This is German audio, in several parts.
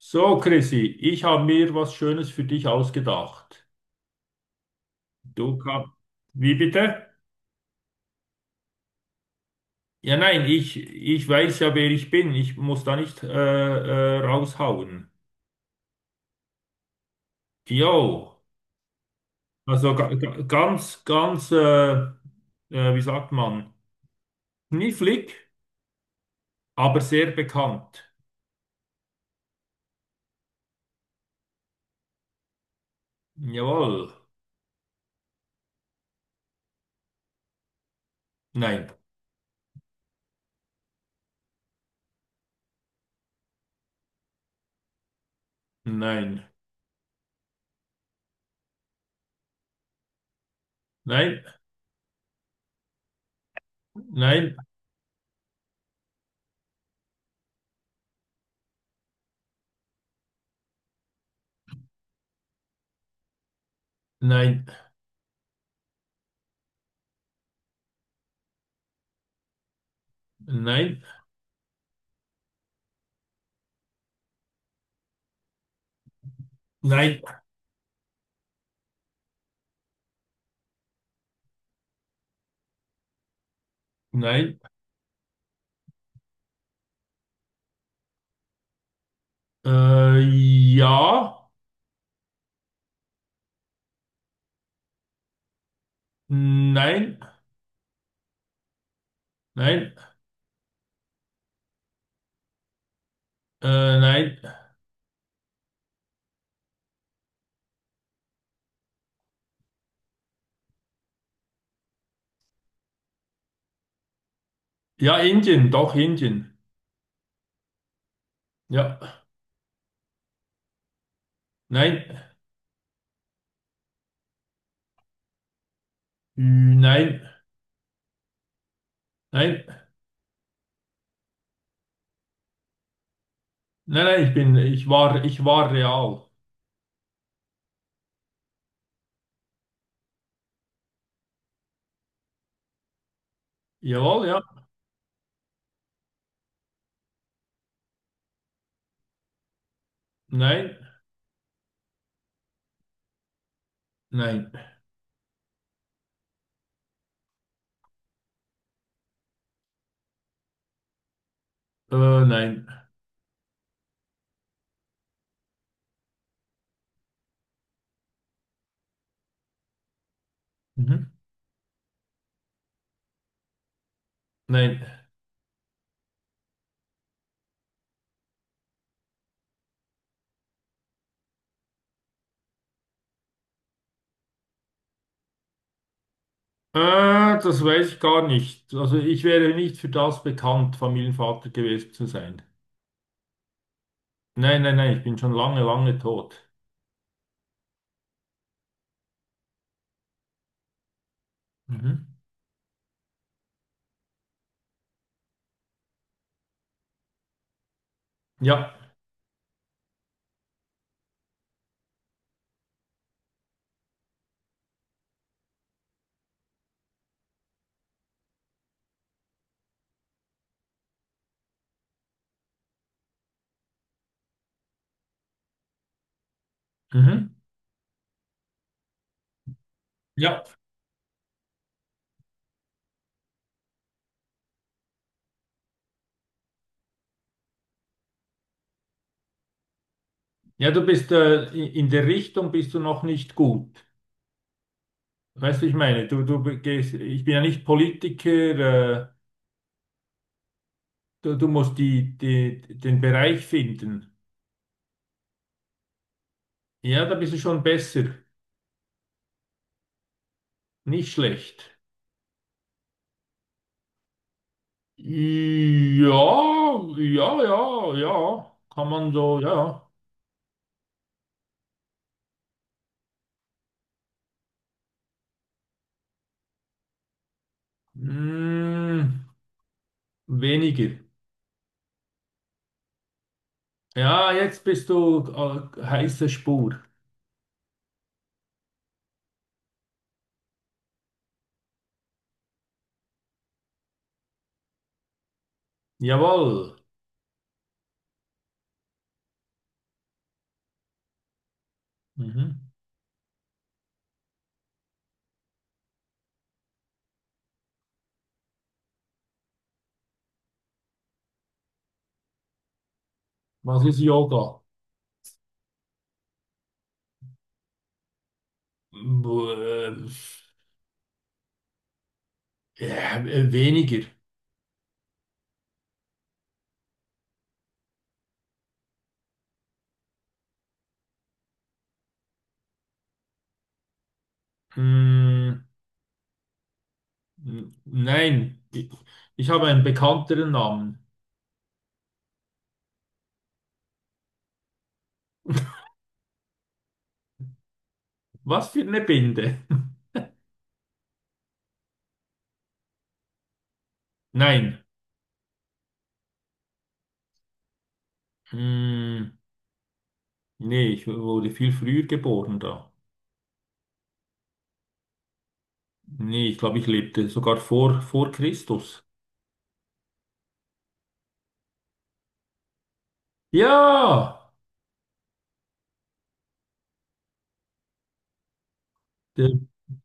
So, Chrissy, ich habe mir was Schönes für dich ausgedacht. Du kannst. Wie bitte? Ja, nein, ich weiß ja, wer ich bin. Ich muss da nicht raushauen. Jo, also ganz, wie sagt man, knifflig, aber sehr bekannt. Jawohl. Nein, nein, nein, nein, nein, nein, nein, nein. Ja, nein, nein. Nein. Ja, Indien, doch Indien. Ja. Nein. Ü, nein. Nein. Nein, nein, ich bin, ich war real. Jawohl, ja. Nein. Nein. Nein. Mhm. Nein. Äh, das weiß ich gar nicht. Also ich wäre nicht für das bekannt, Familienvater gewesen zu sein. Nein, nein, nein, ich bin schon lange, lange tot. Mhm. Ja. Mhm. Ja. Ja, du bist, in der Richtung bist du noch nicht gut. Weißt du, wie ich meine? Du gehst, ich bin ja nicht Politiker, du, du musst den Bereich finden. Ja, da bist du schon besser. Nicht schlecht. Ja, ja, ja, ja. Kann man so, ja. Hm, weniger. Ja, jetzt bist du heiße Spur. Jawohl. Mhm. Was ist Yoga? Buh, ja, weniger. Hm. Nein, ich habe einen bekannteren Namen. Was für eine Binde? Nein. Hm, nee, ich wurde viel früher geboren da. Nee, ich glaube, ich lebte sogar vor Christus. Ja, der,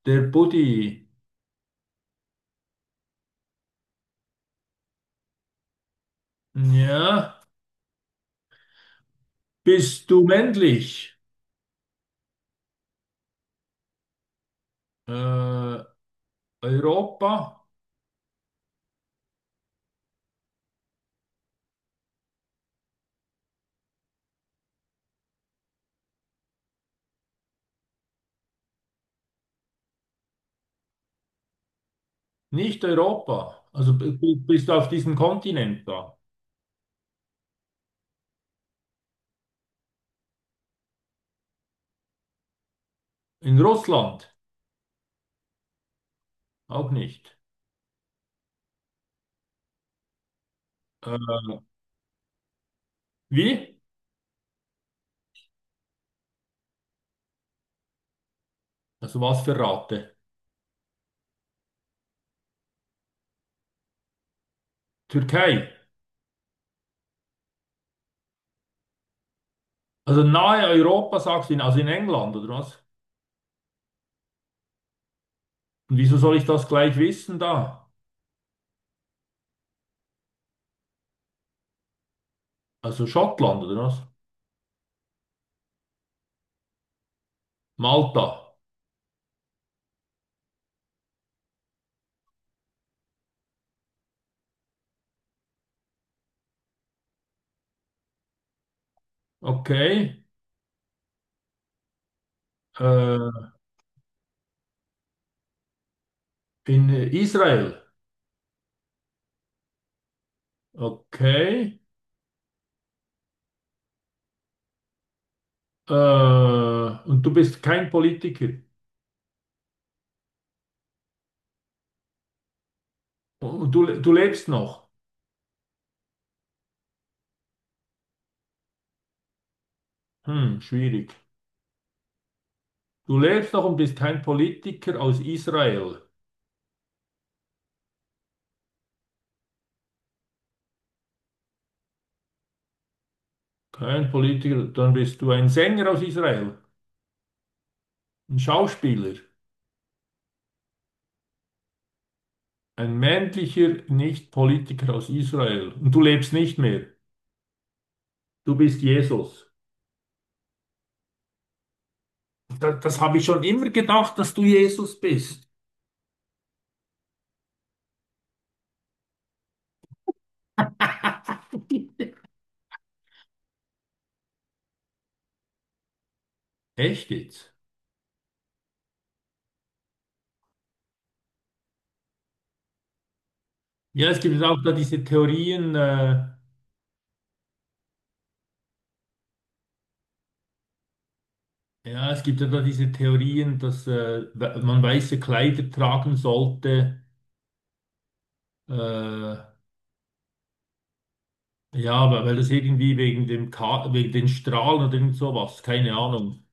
der Buddy. Ja, bist du männlich? Äh, Europa? Nicht Europa. Also bist du auf diesem Kontinent da? In Russland? Auch nicht. Äh, wie? Also was für Ratte? Türkei. Also nahe Europa, sagst du, also in England, oder was? Und wieso soll ich das gleich wissen da? Also Schottland, oder was? Malta. Okay. Äh, in Israel. Okay. Und du bist kein Politiker. Und du lebst noch. Hm, schwierig. Du lebst noch und bist kein Politiker aus Israel. Kein Politiker, dann bist du ein Sänger aus Israel. Ein Schauspieler. Ein männlicher Nicht-Politiker aus Israel. Und du lebst nicht mehr. Du bist Jesus. Das, das habe ich schon immer gedacht, dass du Jesus bist. Echt jetzt? Ja, es gibt auch da diese Theorien, ja, es gibt ja da diese Theorien, dass man weiße Kleider tragen sollte, äh, ja, weil, weil das irgendwie wegen dem Ka wegen den Strahlen oder irgend sowas, keine Ahnung.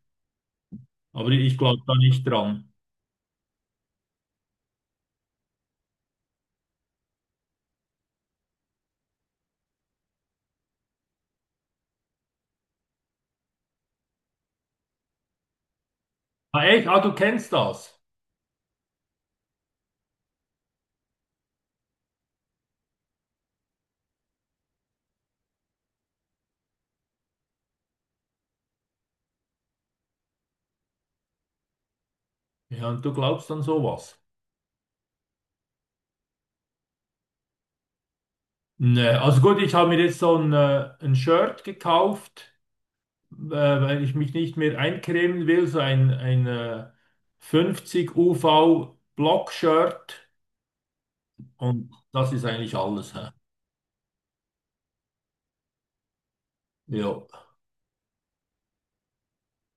Aber ich glaube da nicht dran. Ah, echt? Ah, du kennst das? Ja, und du glaubst an sowas. Ne, also gut, ich habe mir jetzt so ein Shirt gekauft, weil ich mich nicht mehr eincremen will, so ein, ein 50 UV Block-Shirt und das ist eigentlich alles. Hä? Ja.